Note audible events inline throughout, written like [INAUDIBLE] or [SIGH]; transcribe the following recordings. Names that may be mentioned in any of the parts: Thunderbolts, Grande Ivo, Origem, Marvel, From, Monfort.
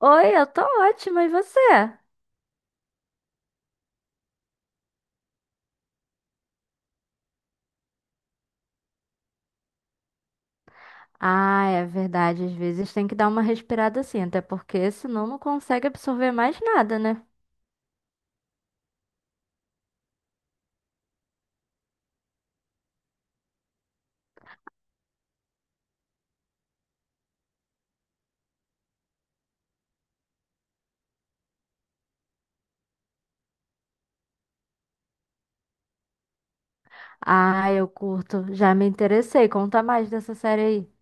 Oi, eu tô ótima, e você? Ah, é verdade, às vezes tem que dar uma respirada assim, até porque senão não consegue absorver mais nada, né? Ah, eu curto, já me interessei, conta mais dessa série aí.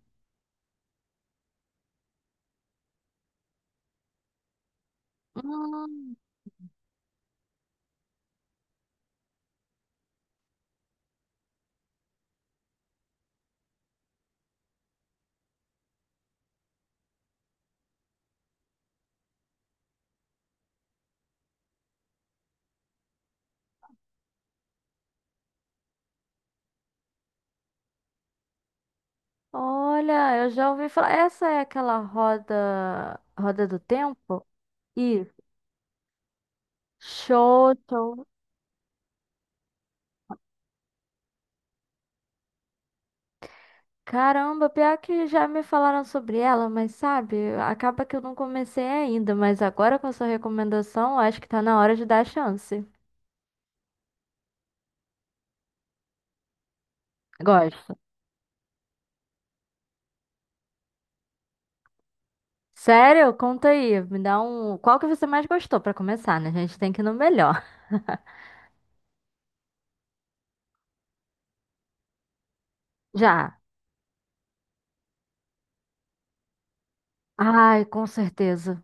Hum, olha, eu já ouvi falar, essa é aquela roda do tempo? Isso, show, show. Caramba, pior que já me falaram sobre ela, mas sabe, acaba que eu não comecei ainda, mas agora com a sua recomendação, acho que tá na hora de dar a chance. Gosto. Sério? Conta aí. Me dá um. Qual que você mais gostou pra começar, né? A gente tem que ir no melhor. [LAUGHS] Já. Ai, com certeza.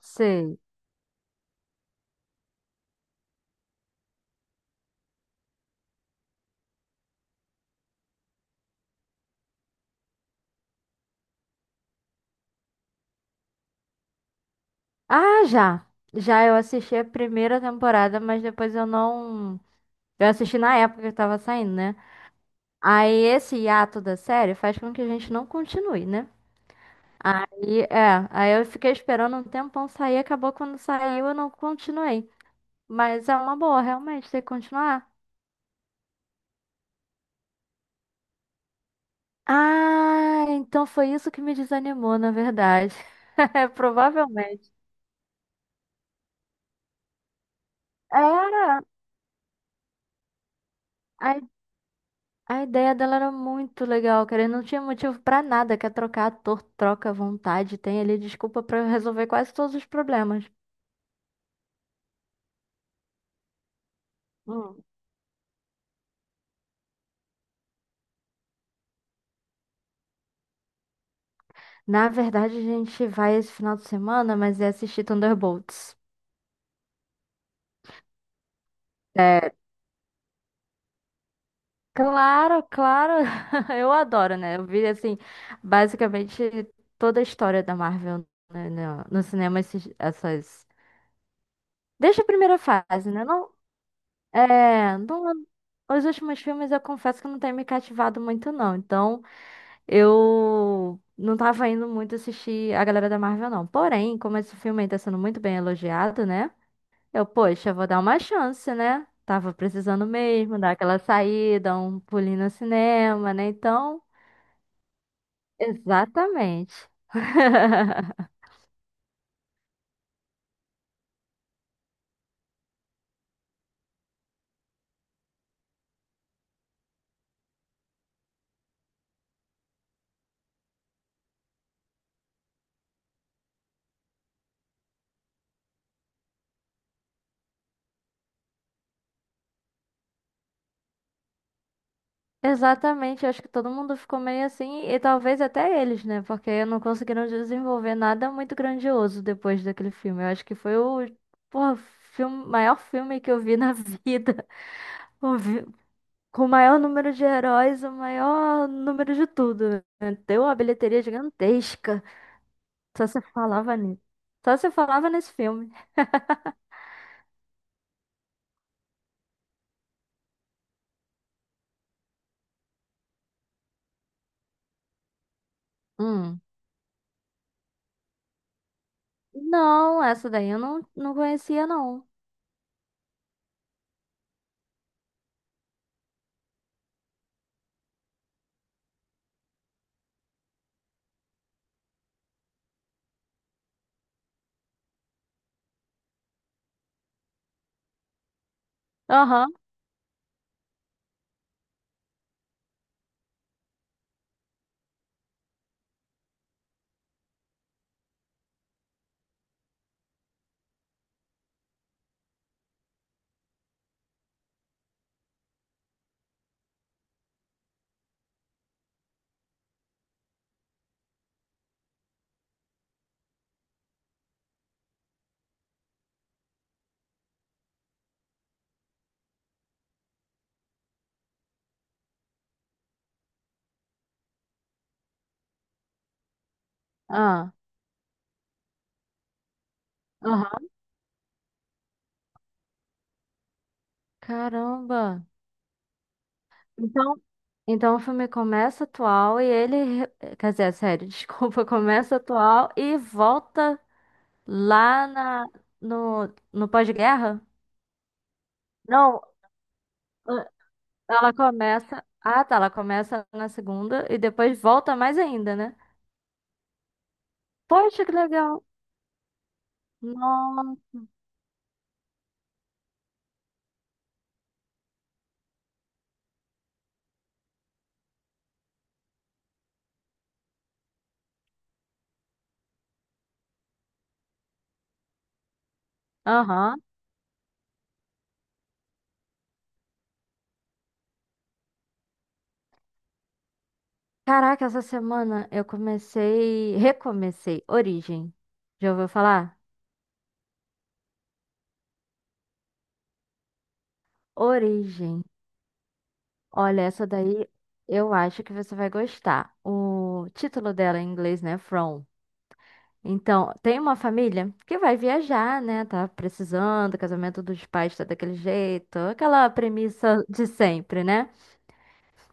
Sei. Ah, já. Já eu assisti a primeira temporada, mas depois eu não. Eu assisti na época que tava saindo, né? Aí esse hiato da série faz com que a gente não continue, né? Aí, é. Aí eu fiquei esperando um tempão sair, acabou quando saiu, eu não continuei. Mas é uma boa, realmente, ter que continuar. Ah, então foi isso que me desanimou, na verdade. [LAUGHS] Provavelmente. Era. A, a ideia dela era muito legal, cara. E não tinha motivo pra nada. Quer trocar ator, troca à vontade. Tem ali desculpa pra resolver quase todos os problemas. Hum. Na verdade, a gente vai esse final de semana, mas é assistir Thunderbolts. É, claro, claro. [LAUGHS] Eu adoro, né? Eu vi, assim, basicamente toda a história da Marvel, né, no cinema essas. Desde a primeira fase, né? Não, é, não- os últimos filmes eu confesso que não tem me cativado muito, não. Então, eu não tava indo muito assistir a galera da Marvel, não. Porém, como esse filme aí tá sendo muito bem elogiado, né? Eu, poxa, vou dar uma chance, né? Tava precisando mesmo dar aquela saída, um pulinho no cinema, né? Então, exatamente. [LAUGHS] Exatamente, eu acho que todo mundo ficou meio assim, e talvez até eles, né? Porque não conseguiram desenvolver nada muito grandioso depois daquele filme. Eu acho que foi porra, filme, maior filme que eu vi na vida. [LAUGHS] O vi- Com o maior número de heróis, o maior número de tudo, né? Deu uma bilheteria gigantesca. Só se falava nisso. Só se falava nesse filme. Hum. Não, essa daí eu não conhecia, não. Aham. Ah. Aham. Caramba. Então, então o filme começa atual e quer dizer, a série, [LAUGHS] desculpa, começa atual e volta lá na, no pós-guerra? Não, eh, ela começa. Ah, tá, ela começa na segunda e depois volta mais ainda, né? Poxa, que legal! Nossa. Aham. Caraca, essa semana eu comecei, recomecei Origem. Já ouviu falar? Origem. Olha, essa daí eu acho que você vai gostar. O título dela em inglês, né? From. Então, tem uma família que vai viajar, né? Tá precisando, o casamento dos pais tá daquele jeito, aquela premissa de sempre, né?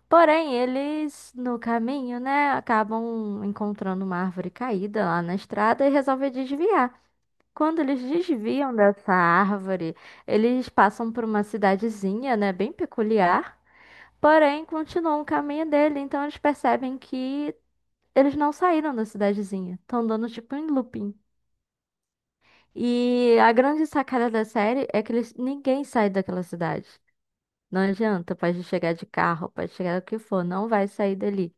Porém, eles no caminho, né, acabam encontrando uma árvore caída lá na estrada e resolvem desviar. Quando eles desviam dessa árvore, eles passam por uma cidadezinha, né, bem peculiar. Porém, continuam o caminho dele, então eles percebem que eles não saíram da cidadezinha. Estão dando tipo em looping. E a grande sacada da série é que eles, ninguém sai daquela cidade. Não adianta, pode chegar de carro, pode chegar o que for, não vai sair dali.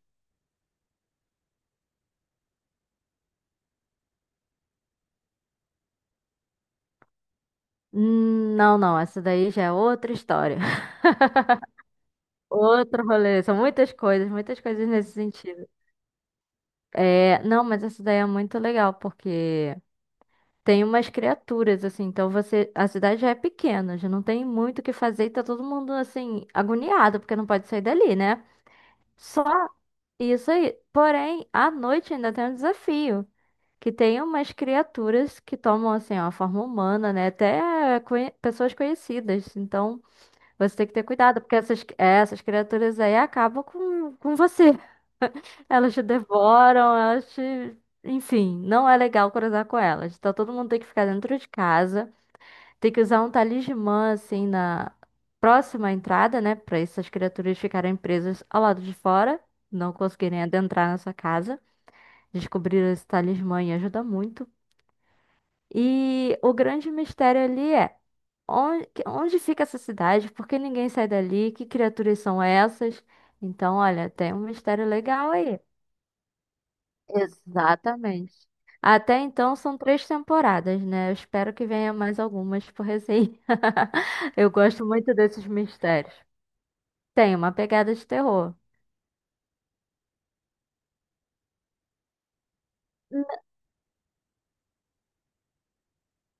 Não, não, essa daí já é outra história. [LAUGHS] Outro rolê, são muitas coisas nesse sentido. É, não, mas essa daí é muito legal, porque tem umas criaturas, assim, então você. A cidade já é pequena, já não tem muito o que fazer e tá todo mundo, assim, agoniado, porque não pode sair dali, né? Só isso aí. Porém, à noite ainda tem um desafio. Que tem umas criaturas que tomam, assim, ó, a forma humana, né? Até pessoas conhecidas. Então, você tem que ter cuidado, porque essas, é, essas criaturas aí acabam com você. [LAUGHS] Elas te devoram, elas te. Enfim, não é legal cruzar com elas. Então, todo mundo tem que ficar dentro de casa. Tem que usar um talismã, assim, na próxima entrada, né? Pra essas criaturas ficarem presas ao lado de fora, não conseguirem adentrar na sua casa. Descobrir esse talismã e ajuda muito. E o grande mistério ali é onde fica essa cidade? Por que ninguém sai dali? Que criaturas são essas? Então, olha, tem um mistério legal aí. Exatamente. Até então são três temporadas, né? Eu espero que venha mais algumas por aí. [LAUGHS] Eu gosto muito desses mistérios. Tem uma pegada de terror.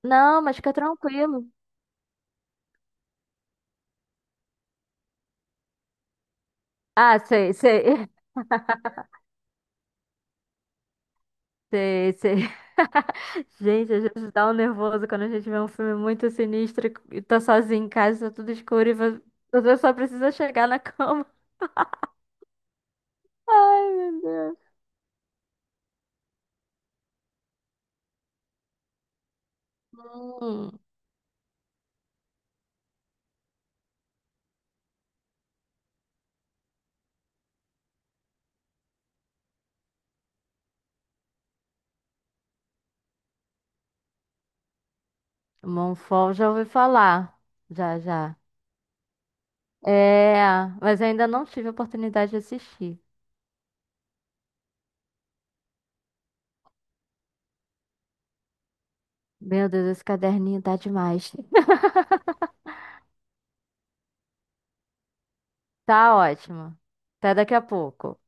Não, mas fica tranquilo. Ah, sei, sei, [LAUGHS] sei, sei. [LAUGHS] Gente, às vezes dá um nervoso quando a gente vê um filme muito sinistro e tá sozinho em casa, tá tudo escuro e você só precisa chegar na cama. [LAUGHS] Ai, meu Deus. Hum, Monfort já ouvi falar. Já, já. É, mas ainda não tive a oportunidade de assistir. Meu Deus, esse caderninho tá demais. [LAUGHS] Tá ótimo. Até daqui a pouco.